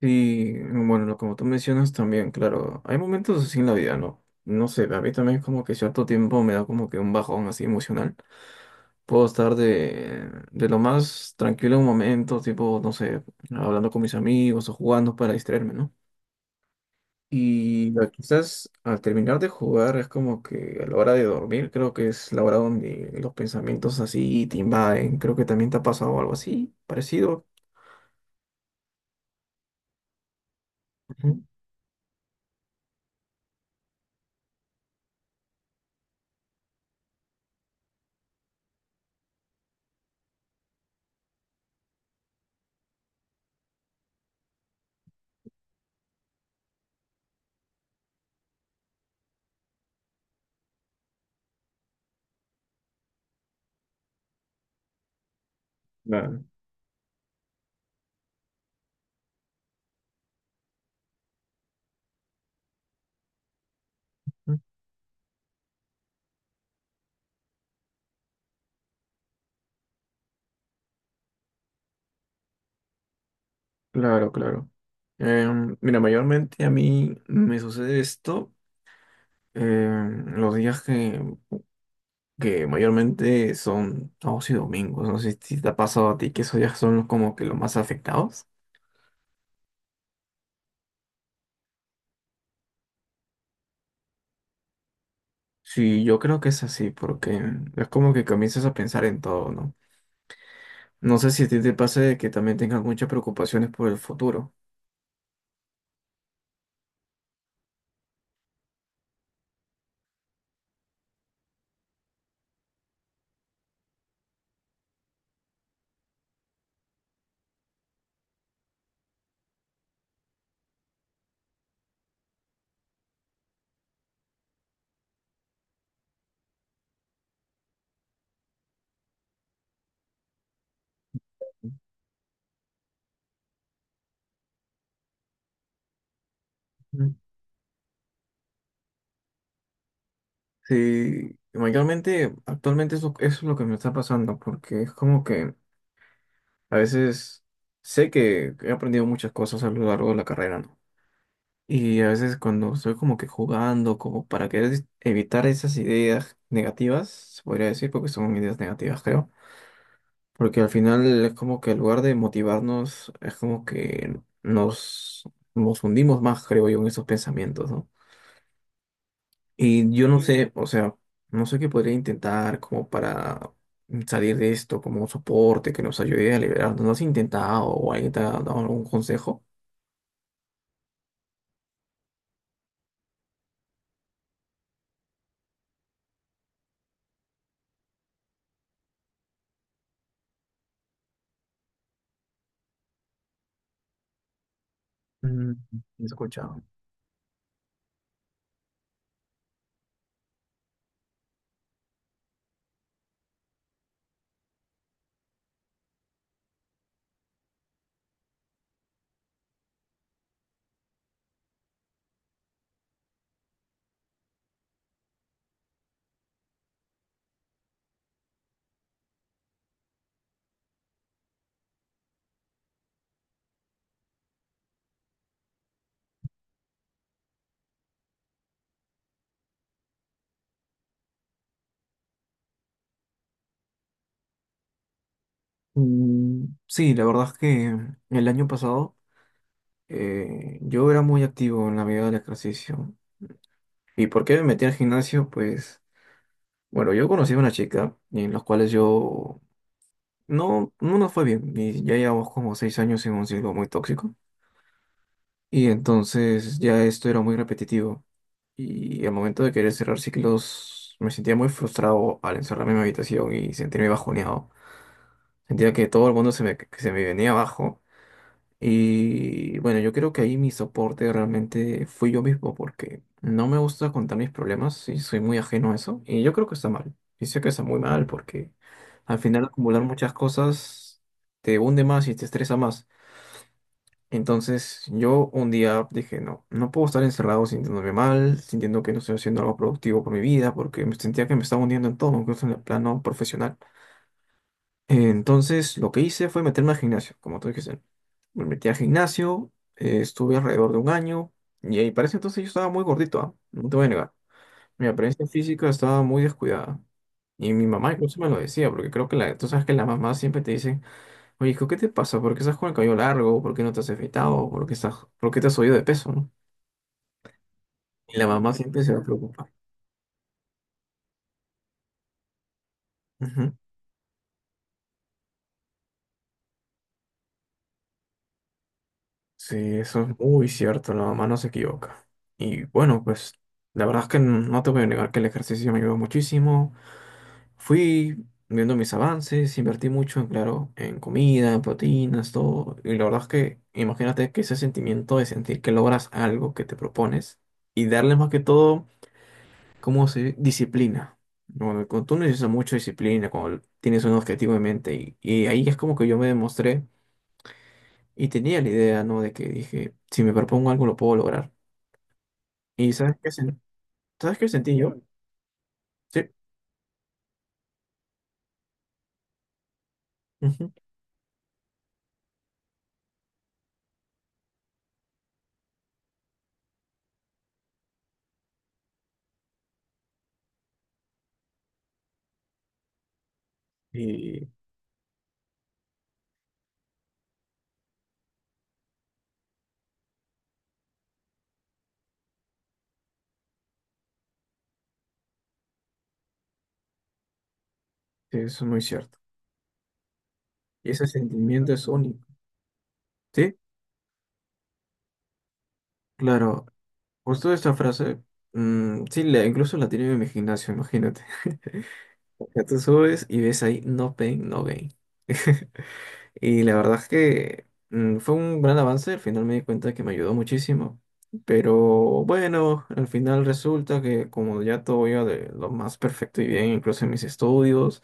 Sí, bueno, lo como tú mencionas también, claro, hay momentos así en la vida, ¿no? No sé, a mí también es como que cierto tiempo me da como que un bajón así emocional. Puedo estar de lo más tranquilo en un momento, tipo, no sé, hablando con mis amigos o jugando para distraerme, ¿no? Y quizás al terminar de jugar es como que a la hora de dormir, creo que es la hora donde los pensamientos así te invaden. Creo que también te ha pasado algo así, parecido. Ujú. Claro. Claro, claro. Mira, mayormente a mí me sucede esto los días que mayormente son sábados y domingos. No sé si te ha pasado a ti que esos días son los como que los más afectados. Sí, yo creo que es así, porque es como que comienzas a pensar en todo, ¿no? No sé si a ti te pasa de que también tengas muchas preocupaciones por el futuro. Mm. Sí, mayormente actualmente eso es lo que me está pasando, porque es como que a veces sé que he aprendido muchas cosas a lo largo de la carrera, ¿no? Y a veces cuando estoy como que jugando, como para querer evitar esas ideas negativas, se podría decir, porque son ideas negativas, creo. Porque al final es como que en lugar de motivarnos, es como que nos hundimos más, creo yo, en esos pensamientos, ¿no? Y yo no sí, sé, o sea, no sé qué podría intentar como para salir de esto, como un soporte que nos ayude a liberarnos. ¿No has intentado o alguien te ha dado algún consejo? Mm, he escuchado. Mm, sí, la verdad es que el año pasado yo era muy activo en la vida del ejercicio. ¿Y por qué me metí al gimnasio? Pues, bueno, yo conocí a una chica y en las cuales yo no nos fue bien. Y ya llevamos como seis años en un ciclo muy tóxico. Y entonces ya esto era muy repetitivo. Y al momento de querer cerrar ciclos, me sentía muy frustrado al encerrarme en mi habitación y sentirme bajoneado. Sentía que todo el mundo que se me venía abajo. Y bueno, yo creo que ahí mi soporte realmente fui yo mismo porque no me gusta contar mis problemas y soy muy ajeno a eso. Y yo creo que está mal. Y sé que está muy mal porque al final acumular muchas cosas te hunde más y te estresa más. Entonces yo un día dije, no, no puedo estar encerrado sintiéndome mal, sintiendo que no estoy haciendo algo productivo por mi vida porque me sentía que me estaba hundiendo en todo, incluso en el plano profesional. Entonces, lo que hice fue meterme al gimnasio, como tú dijiste. Me metí al gimnasio, estuve alrededor de un año, y ahí parece entonces yo estaba muy gordito, ¿ah? No te voy a negar. Mi apariencia física estaba muy descuidada. Y mi mamá incluso me lo decía, porque creo que tú sabes que las mamás siempre te dicen, oye, hijo, ¿qué te pasa? ¿Por qué estás con el cabello largo? ¿Por qué no te has afeitado? ¿Por qué por qué te has subido de peso, ¿no? Y la mamá siempre se va a preocupar. Ujú. Sí, eso es muy cierto, la mamá no se equivoca. Y bueno, pues la verdad es que no te voy a negar que el ejercicio me ayudó muchísimo. Fui viendo mis avances, invertí mucho, en, claro, en comida, en proteínas, todo. Y la verdad es que imagínate que ese sentimiento de sentir que logras algo que te propones y darle más que todo, como se dice? Disciplina. Bueno, cuando tú necesitas mucha disciplina, cuando tienes un objetivo en mente y ahí es como que yo me demostré. Y tenía la idea, ¿no? De que dije, si me propongo algo lo puedo lograr. ¿Y sabes qué, ¿sabes qué sentí yo? Sí. Ujú. Y sí, eso es muy cierto. Y ese sentimiento es único. Sí, claro. Justo esta frase, mm, sí, incluso la tiene en mi gimnasio, imagínate. Ya tú subes y ves ahí, no pain, no gain. Y la verdad es que mm, fue un gran avance, al final me di cuenta que me ayudó muchísimo. Pero bueno, al final resulta que como ya todo iba de lo más perfecto y bien, incluso en mis estudios,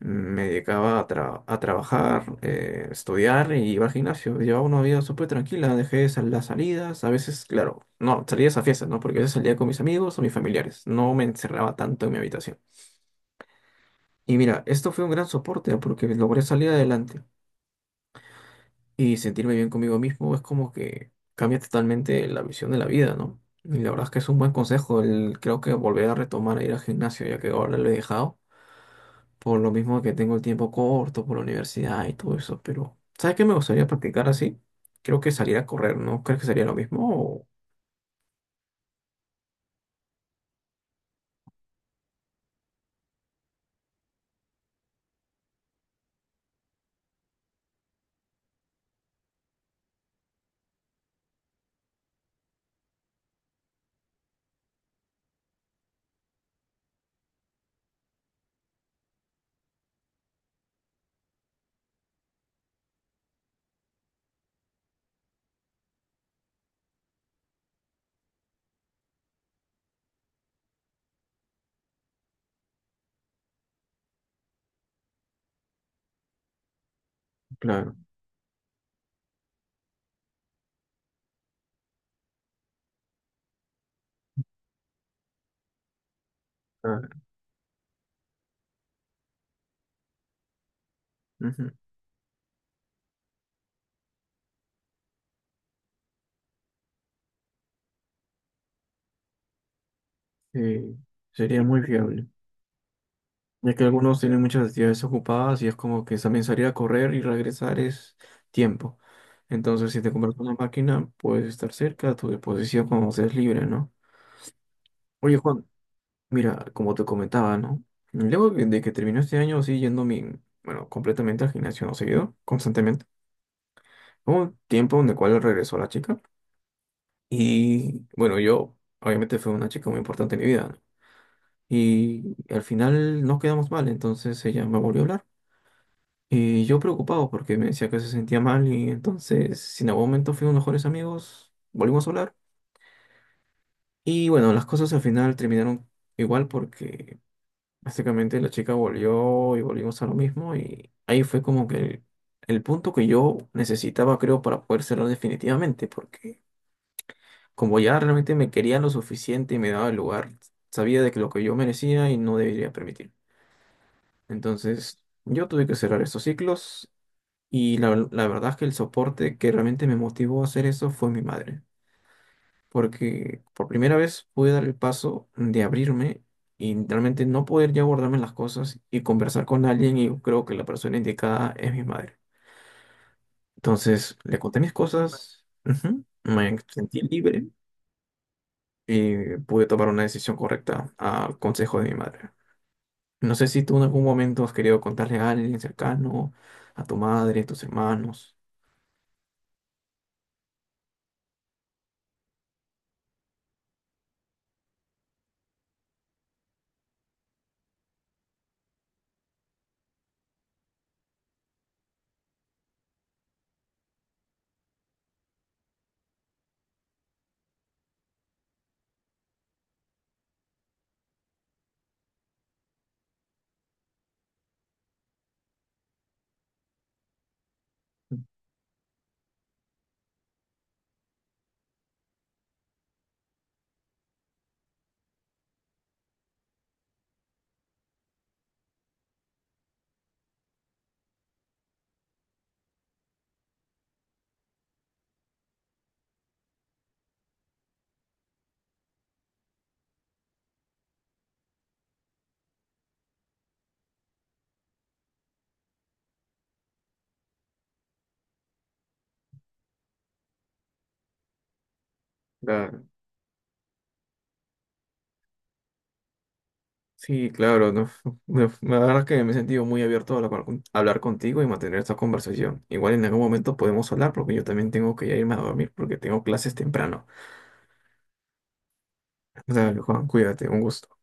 mm, me dedicaba a, a trabajar, estudiar y iba al gimnasio. Llevaba una vida súper tranquila, dejé de las salidas, a veces, claro, no, salidas a fiestas, ¿no? Porque a veces salía con mis amigos o mis familiares, no me encerraba tanto en mi habitación. Y mira, esto fue un gran soporte porque logré salir adelante y sentirme bien conmigo mismo, es como que cambia totalmente la visión de la vida, ¿no? Y la verdad es que es un buen consejo. Creo que volver a retomar a ir al gimnasio, ya que ahora lo he dejado, por lo mismo que tengo el tiempo corto, por la universidad y todo eso. Pero, ¿sabes qué me gustaría practicar así? Creo que salir a correr, ¿no? ¿Crees que sería lo mismo? O... Claro, claro. Ujú. Sí, sería muy fiable. Ya que algunos tienen muchas actividades ocupadas y es como que también salir a correr y regresar es tiempo. Entonces, si te compras una máquina, puedes estar cerca a tu disposición cuando seas libre, ¿no? Oye, Juan, mira, como te comentaba, ¿no? Luego de que terminó este año, sí, yendo mi, bueno, completamente al gimnasio, no seguido, constantemente. Hubo un tiempo en el cual regresó la chica y, bueno, yo, obviamente fue una chica muy importante en mi vida, ¿no? Y al final nos quedamos mal, entonces ella me volvió a hablar. Y yo preocupado porque me decía que se sentía mal y entonces, si en algún momento fuimos mejores amigos, volvimos a hablar. Y bueno, las cosas al final terminaron igual porque básicamente la chica volvió y volvimos a lo mismo y ahí fue como que el punto que yo necesitaba, creo, para poder cerrar definitivamente, porque como ya realmente me quería lo suficiente y me daba el lugar, sabía de que lo que yo merecía y no debería permitir. Entonces, yo tuve que cerrar estos ciclos. Y la verdad es que el soporte que realmente me motivó a hacer eso fue mi madre, porque por primera vez pude dar el paso de abrirme y realmente no poder ya guardarme las cosas y conversar con alguien, y creo que la persona indicada es mi madre. Entonces le conté mis cosas, ujú, me sentí libre y pude tomar una decisión correcta al consejo de mi madre. No sé si tú en algún momento has querido contarle a alguien cercano, a tu madre, a tus hermanos. Sí, claro, no, la verdad que me he sentido muy abierto a hablar contigo y mantener esta conversación. Igual en algún momento podemos hablar porque yo también tengo que ya irme a dormir porque tengo clases temprano. Dale, Juan, cuídate, un gusto.